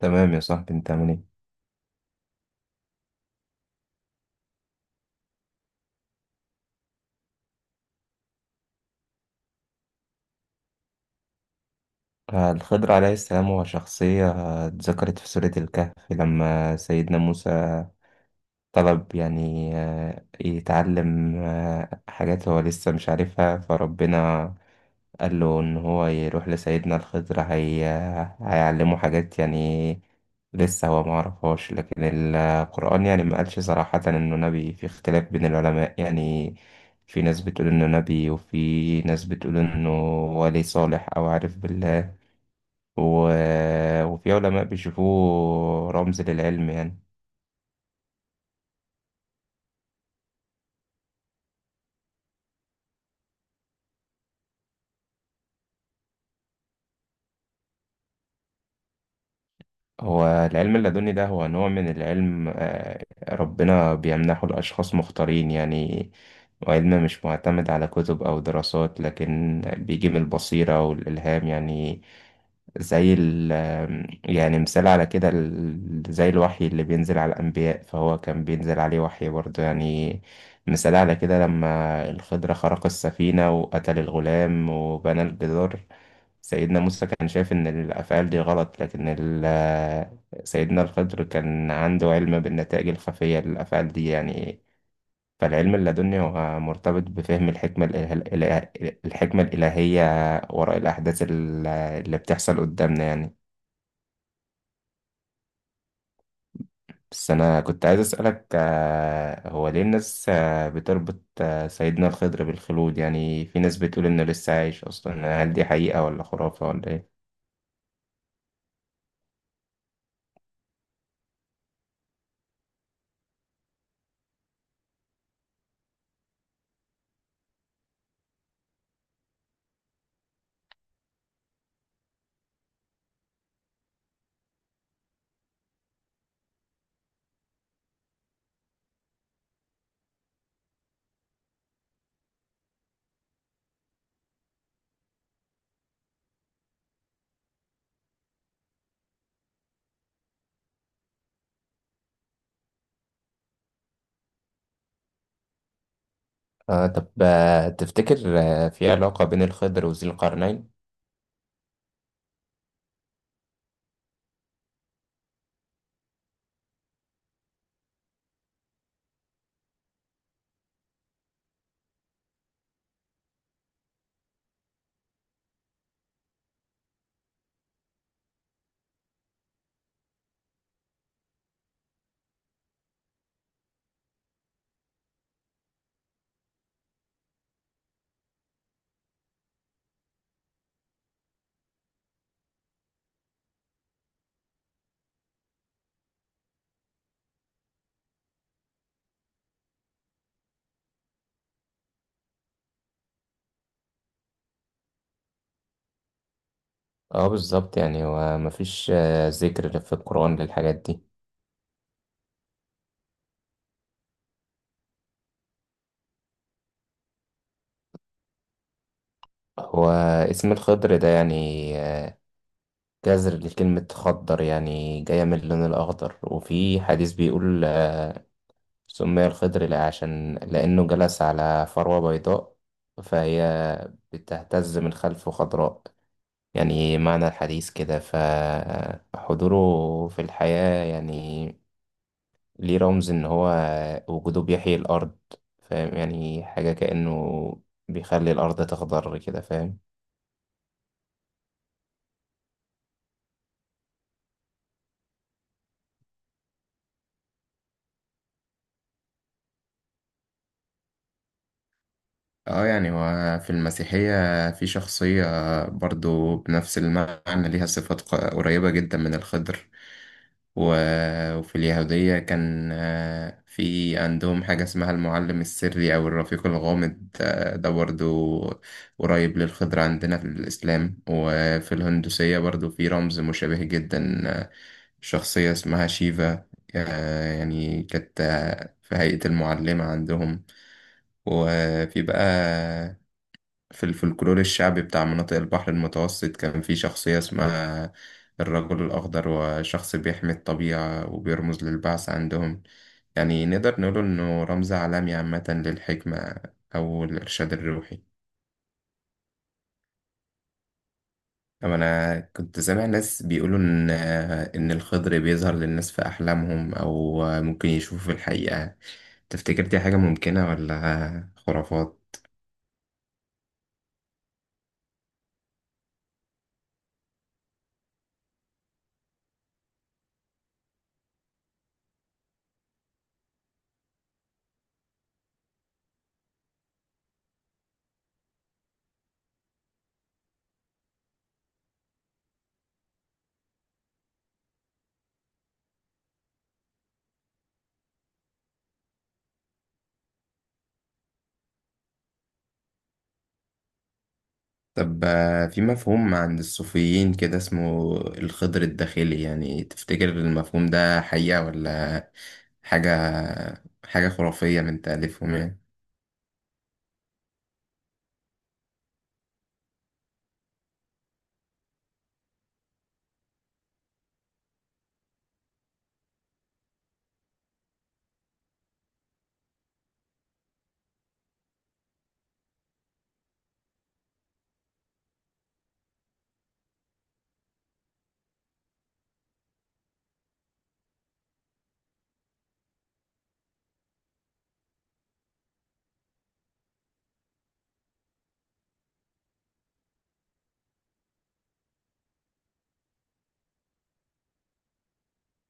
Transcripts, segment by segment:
تمام يا صاحبي، انت عامل ايه؟ الخضر عليه السلام هو شخصية، اتذكرت في سورة الكهف لما سيدنا موسى طلب يتعلم حاجات هو لسه مش عارفها، فربنا قال له ان هو يروح لسيدنا الخضر هيعلمه حاجات يعني لسه هو ما عرفهاش. لكن القرآن يعني ما قالش صراحة انه نبي. في اختلاف بين العلماء يعني، في ناس بتقول انه نبي وفي ناس بتقول انه ولي صالح او عارف بالله، و... وفي علماء بيشوفوه رمز للعلم يعني. هو العلم اللدني ده هو نوع من العلم، آه، ربنا بيمنحه لأشخاص مختارين يعني، وعلم مش معتمد على كتب أو دراسات لكن بيجي من البصيرة والإلهام يعني. زي ال يعني مثال على كده، زي الوحي اللي بينزل على الأنبياء، فهو كان بينزل عليه وحي برضه يعني. مثال على كده لما الخضر خرق السفينة وقتل الغلام وبنى الجدار، سيدنا موسى كان شايف إن الأفعال دي غلط، سيدنا الخضر كان عنده علم بالنتائج الخفية للأفعال دي يعني. فالعلم اللدني هو مرتبط بفهم الحكمة الإلهية وراء الأحداث اللي بتحصل قدامنا يعني. بس أنا كنت عايز أسألك، هو ليه الناس بتربط سيدنا الخضر بالخلود؟ يعني في ناس بتقول إنه لسه عايش أصلا، هل دي حقيقة ولا خرافة ولا إيه؟ طب تفتكر في علاقة بين الخضر وذي القرنين؟ اه بالظبط، يعني هو مفيش ذكر في القرآن للحاجات دي. هو اسم الخضر ده يعني، آه جذر لكلمة خضر يعني جاية من اللون الأخضر، وفي حديث بيقول سمي الخضر عشان لأنه جلس على فروة بيضاء فهي بتهتز من خلفه خضراء، يعني معنى الحديث كده. فحضوره في الحياة يعني ليه رمز ان هو وجوده بيحيي الارض، فاهم؟ يعني حاجة كأنه بيخلي الارض تخضر كده، فاهم؟ اه يعني هو في المسيحية في شخصية برضو بنفس المعنى ليها صفات قريبة جدا من الخضر، وفي اليهودية كان في عندهم حاجة اسمها المعلم السري أو الرفيق الغامض، آه، ده برضو قريب للخضر عندنا في الإسلام. وفي الهندوسية برضو في رمز مشابه جدا، آه، شخصية اسمها شيفا، يعني كانت في هيئة المعلمة عندهم. وفي بقى في الفلكلور الشعبي بتاع مناطق البحر المتوسط كان في شخصية اسمها الرجل الأخضر، وشخص بيحمي الطبيعة وبيرمز للبعث عندهم. يعني نقدر نقول إنه رمز عالمي عامة للحكمة أو الإرشاد الروحي. أما أنا كنت سامع ناس بيقولوا إن الخضر بيظهر للناس في أحلامهم أو ممكن يشوفوا في الحقيقة، تفتكر دي حاجة ممكنة ولا خرافات؟ طب، في مفهوم عند الصوفيين كده اسمه الخضر الداخلي، يعني تفتكر المفهوم ده حقيقة ولا حاجة حاجة خرافية من تأليفهم يعني؟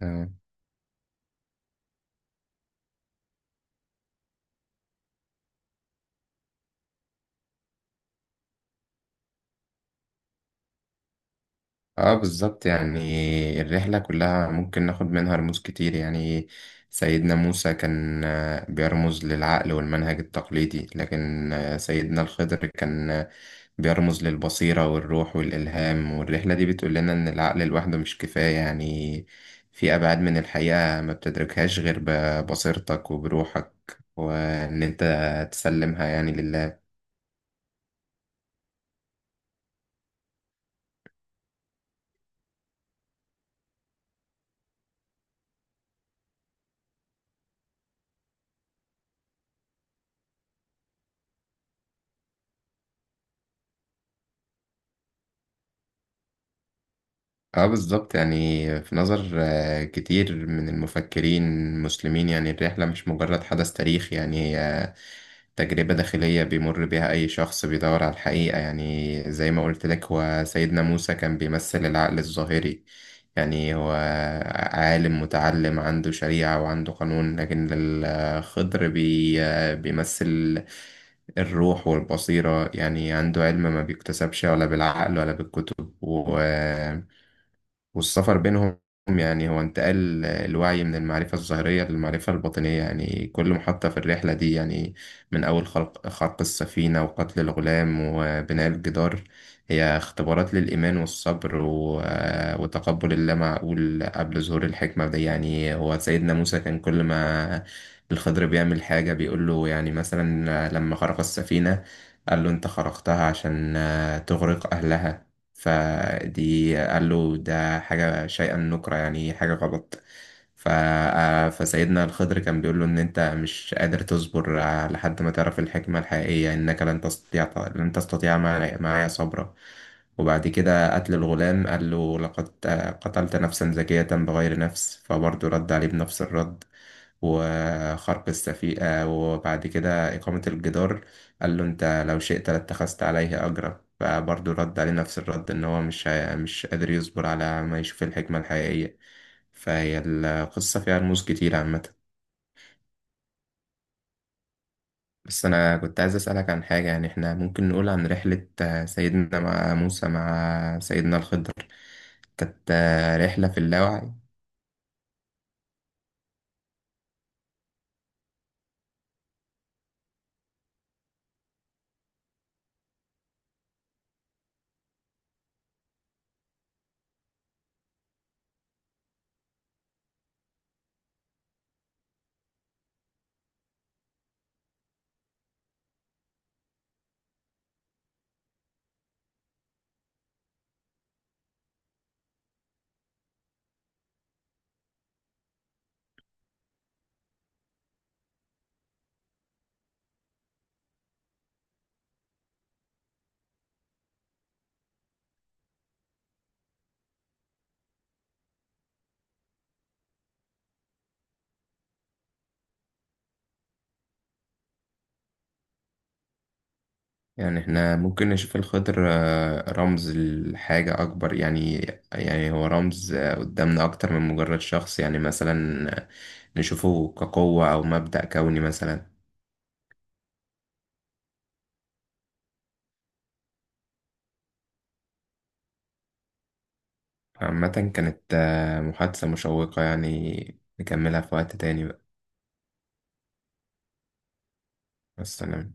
اه، بالظبط، يعني الرحلة كلها ممكن ناخد منها رموز كتير يعني. سيدنا موسى كان، بيرمز للعقل والمنهج التقليدي، لكن، سيدنا الخضر كان بيرمز للبصيرة والروح والإلهام. والرحلة دي بتقول لنا إن العقل لوحده مش كفاية يعني، في أبعاد من الحقيقة ما بتدركهاش غير ببصيرتك وبروحك، وإن أنت تسلمها يعني لله. اه بالظبط، يعني في نظر، كتير من المفكرين المسلمين يعني الرحلة مش مجرد حدث تاريخي، يعني هي تجربة داخلية بيمر بيها أي شخص بيدور على الحقيقة. يعني زي ما قلت لك هو سيدنا موسى كان بيمثل العقل الظاهري، يعني هو عالم متعلم عنده شريعة وعنده قانون، لكن الخضر بيمثل الروح والبصيرة، يعني عنده علم ما بيكتسبش ولا بالعقل ولا بالكتب، والسفر بينهم يعني هو انتقال الوعي من المعرفة الظاهرية للمعرفة الباطنية يعني. كل محطة في الرحلة دي يعني من أول خلق السفينة وقتل الغلام وبناء الجدار، هي اختبارات للإيمان والصبر وتقبل اللامعقول قبل ظهور الحكمة. ده يعني هو سيدنا موسى كان كل ما الخضر بيعمل حاجة بيقول له، يعني مثلا لما خرق السفينة قال له أنت خرقتها عشان تغرق أهلها، فدي قال له ده حاجة شيئا نكرة يعني حاجة غلط. ف... آه، فسيدنا الخضر كان بيقول له إن أنت مش قادر تصبر لحد ما تعرف الحكمة الحقيقية، إنك لن تستطيع، لن تستطيع معايا صبرا. وبعد كده قتل الغلام قال له لقد، قتلت نفسا زكية بغير نفس، فبرضه رد عليه بنفس الرد. وخرق السفيئة، وبعد كده إقامة الجدار قال له أنت لو شئت لاتخذت عليه أجرا، فبرضه رد عليه نفس الرد إن هو مش مش قادر يصبر على ما يشوف الحكمة الحقيقية. فهي القصة فيها رموز كتير عامة. بس أنا كنت عايز أسألك عن حاجة، يعني إحنا ممكن نقول عن رحلة، سيدنا مع موسى مع سيدنا الخضر كانت، رحلة في اللاوعي؟ يعني احنا ممكن نشوف الخضر، رمز لحاجة أكبر يعني، يعني هو رمز قدامنا أكتر من مجرد شخص، يعني مثلا، نشوفه كقوة أو مبدأ كوني مثلا. عامة كانت، محادثة مشوقة، يعني نكملها في وقت تاني بقى. والسلام.